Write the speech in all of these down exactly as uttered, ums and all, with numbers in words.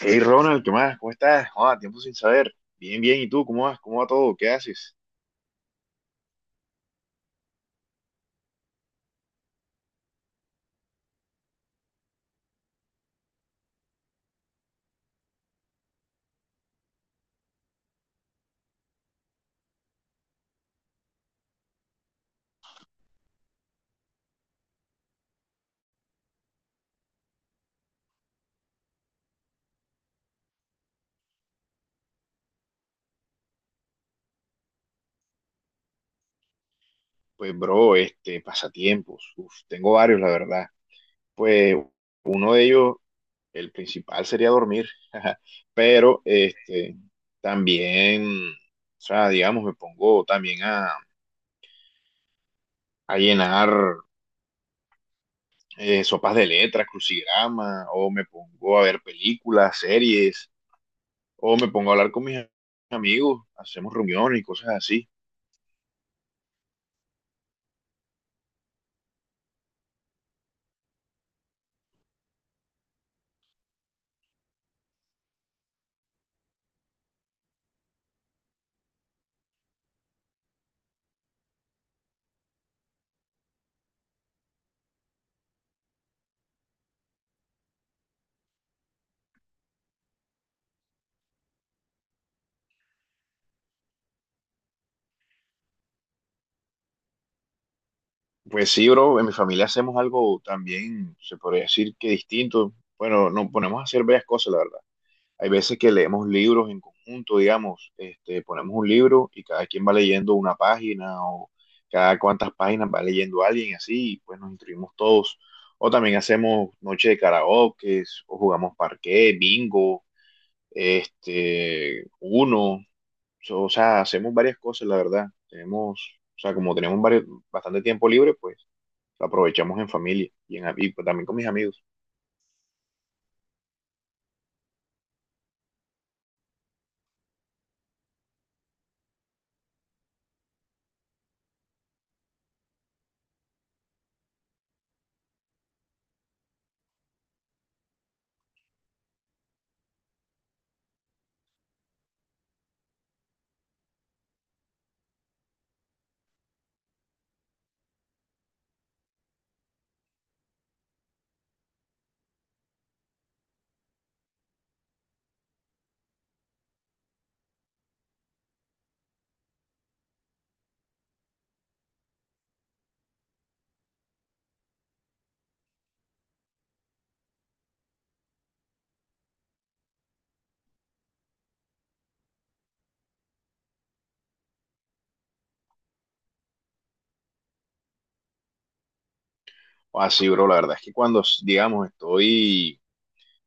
Hey Ronald, ¿qué más? ¿Cómo estás? Ah, tiempo sin saber. Bien, bien. ¿Y tú? ¿Cómo vas? ¿Cómo va todo? ¿Qué haces? Pues, bro, este, pasatiempos. Uf, tengo varios, la verdad. Pues, uno de ellos, el principal sería dormir. Pero, este, también, o sea, digamos, me pongo también a, a llenar eh, sopas de letras, crucigrama, o me pongo a ver películas, series, o me pongo a hablar con mis amigos, hacemos reuniones y cosas así. Pues sí, bro, en mi familia hacemos algo también, se podría decir que distinto. Bueno, nos ponemos a hacer varias cosas, la verdad. Hay veces que leemos libros en conjunto, digamos, este, ponemos un libro y cada quien va leyendo una página o cada cuantas páginas va leyendo alguien y así, y pues nos instruimos todos. O también hacemos noche de karaoke, o jugamos parqué, bingo, este, uno, so- o sea, hacemos varias cosas, la verdad. Tenemos, o sea, como tenemos varios, bastante tiempo libre, pues la aprovechamos en familia y, en, y pues, también con mis amigos. Así, bro, la verdad es que cuando, digamos, estoy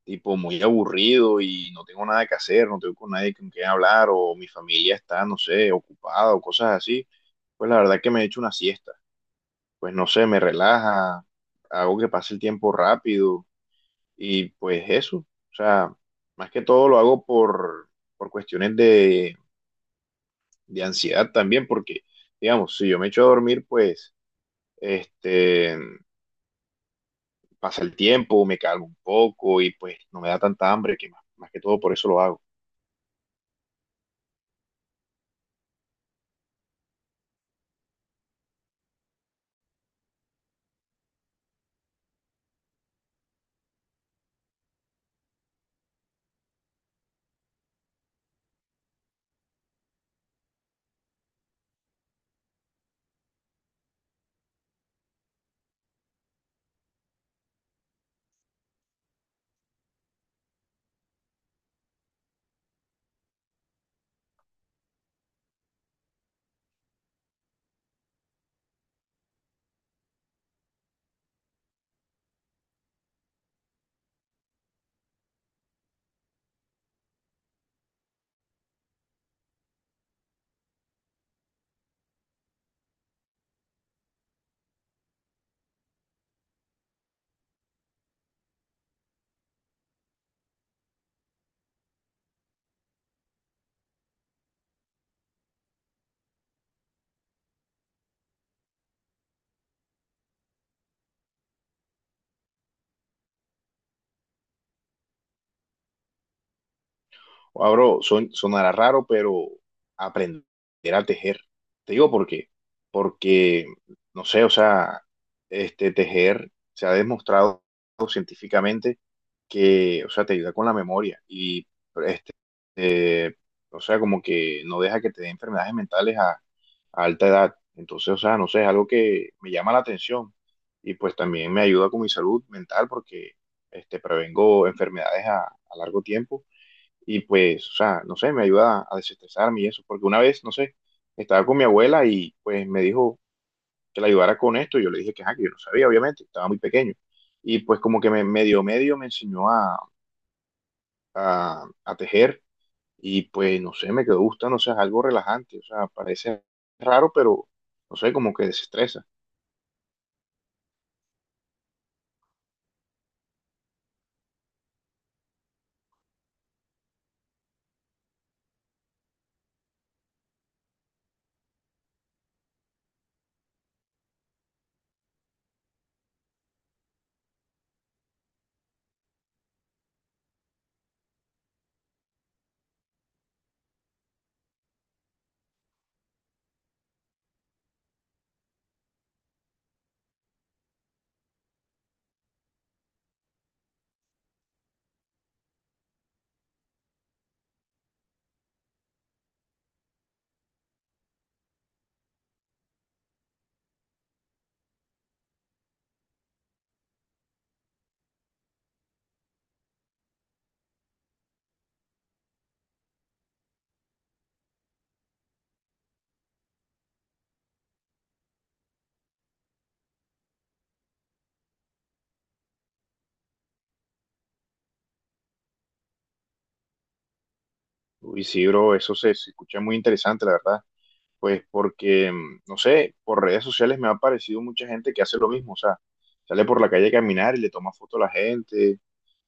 tipo muy aburrido y no tengo nada que hacer, no tengo con nadie con quien hablar o mi familia está, no sé, ocupada o cosas así, pues la verdad es que me echo una siesta. Pues no sé, me relaja, hago que pase el tiempo rápido y pues eso. O sea, más que todo lo hago por, por cuestiones de, de ansiedad también, porque, digamos, si yo me echo a dormir, pues, este, pasa el tiempo, me calmo un poco y pues no me da tanta hambre, que más, más que todo por eso lo hago. Wow, bro, son- sonará raro, pero aprender a tejer. Te digo por qué. Porque, no sé, o sea, este tejer se ha demostrado científicamente que, o sea, te ayuda con la memoria y, este, eh, o sea, como que no deja que te dé enfermedades mentales a, a alta edad. Entonces, o sea, no sé, es algo que me llama la atención y pues también me ayuda con mi salud mental porque, este, prevengo enfermedades a a largo tiempo y pues, o sea, no sé, me ayuda a desestresarme y eso, porque una vez, no sé, estaba con mi abuela y pues me dijo que la ayudara con esto, y yo le dije que, ajá, que yo no sabía, obviamente, estaba muy pequeño. Y pues como que me medio medio me enseñó a, a, a tejer y pues no sé, me quedó gustando, o sea, es algo relajante, o sea, parece raro, pero no sé, como que desestresa. Y sí, bro, eso se se escucha muy interesante, la verdad. Pues porque, mm, no sé, por redes sociales me ha aparecido mucha gente que hace lo mismo, o sea, sale por la calle a caminar y le toma foto a la gente,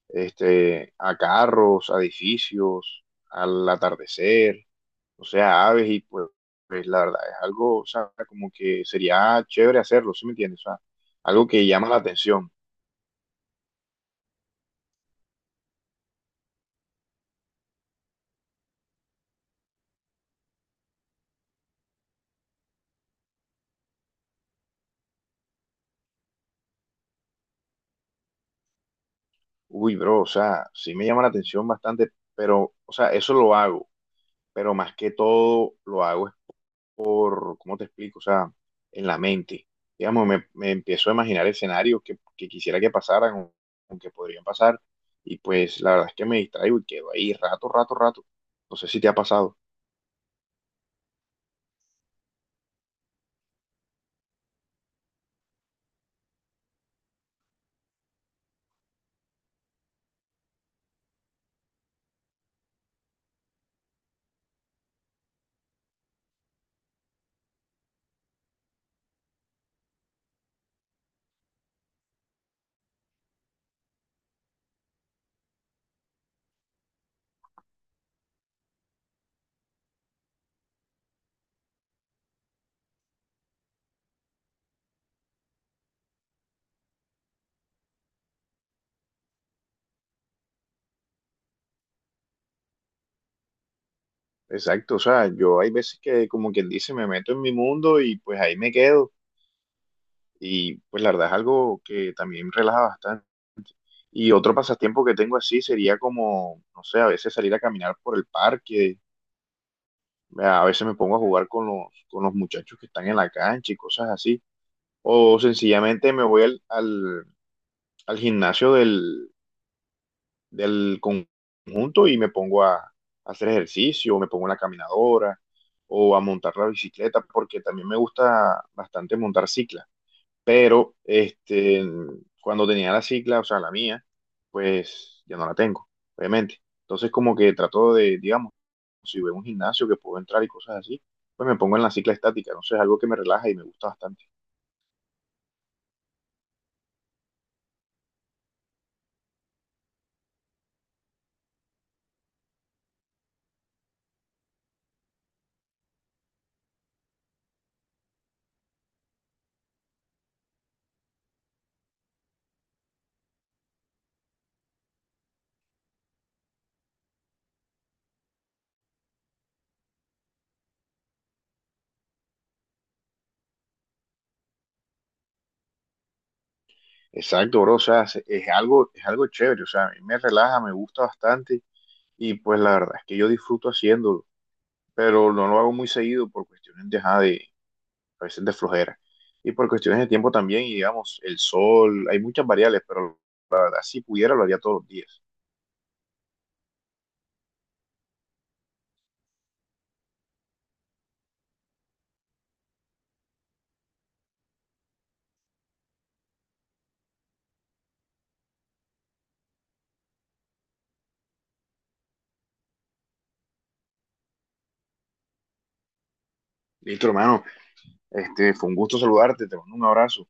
este, a carros, a edificios, al atardecer, o sea, a aves y pues, pues, la verdad es algo, o sea, como que sería chévere hacerlo, ¿sí me entiendes? O sea, algo que llama la atención. Uy, bro, o sea, sí me llama la atención bastante, pero, o sea, eso lo hago, pero más que todo lo hago por, ¿cómo te explico? O sea, en la mente. Digamos, me, me empiezo a imaginar escenarios que, que quisiera que pasaran o, o que podrían pasar y pues la verdad es que me distraigo y quedo ahí rato, rato, rato. No sé si te ha pasado. Exacto, o sea, yo hay veces que como quien dice me meto en mi mundo y pues ahí me quedo y pues la verdad es algo que también relaja bastante. Y otro pasatiempo que tengo así sería como, no sé, a veces salir a caminar por el parque, a veces me pongo a jugar con los, con los muchachos que están en la cancha y cosas así. O sencillamente me voy al, al, al gimnasio del, del conjunto y me pongo a, a hacer ejercicio, o me pongo en la caminadora o a montar la bicicleta, porque también me gusta bastante montar cicla. Pero este, cuando tenía la cicla, o sea, la mía, pues ya no la tengo, obviamente. Entonces como que trato de, digamos, si veo un gimnasio que puedo entrar y cosas así, pues me pongo en la cicla estática. Entonces es algo que me relaja y me gusta bastante. Exacto, bro, o sea, se- es algo, es algo chévere, o sea, a mí me relaja, me gusta bastante y pues la verdad es que yo disfruto haciéndolo, pero no lo hago muy seguido por cuestiones de, ajá, de a veces de flojera y por cuestiones de tiempo también y digamos, el sol, hay muchas variables, pero la verdad si pudiera lo haría todos los días. Listo, hermano, este, fue un gusto saludarte, te mando un abrazo.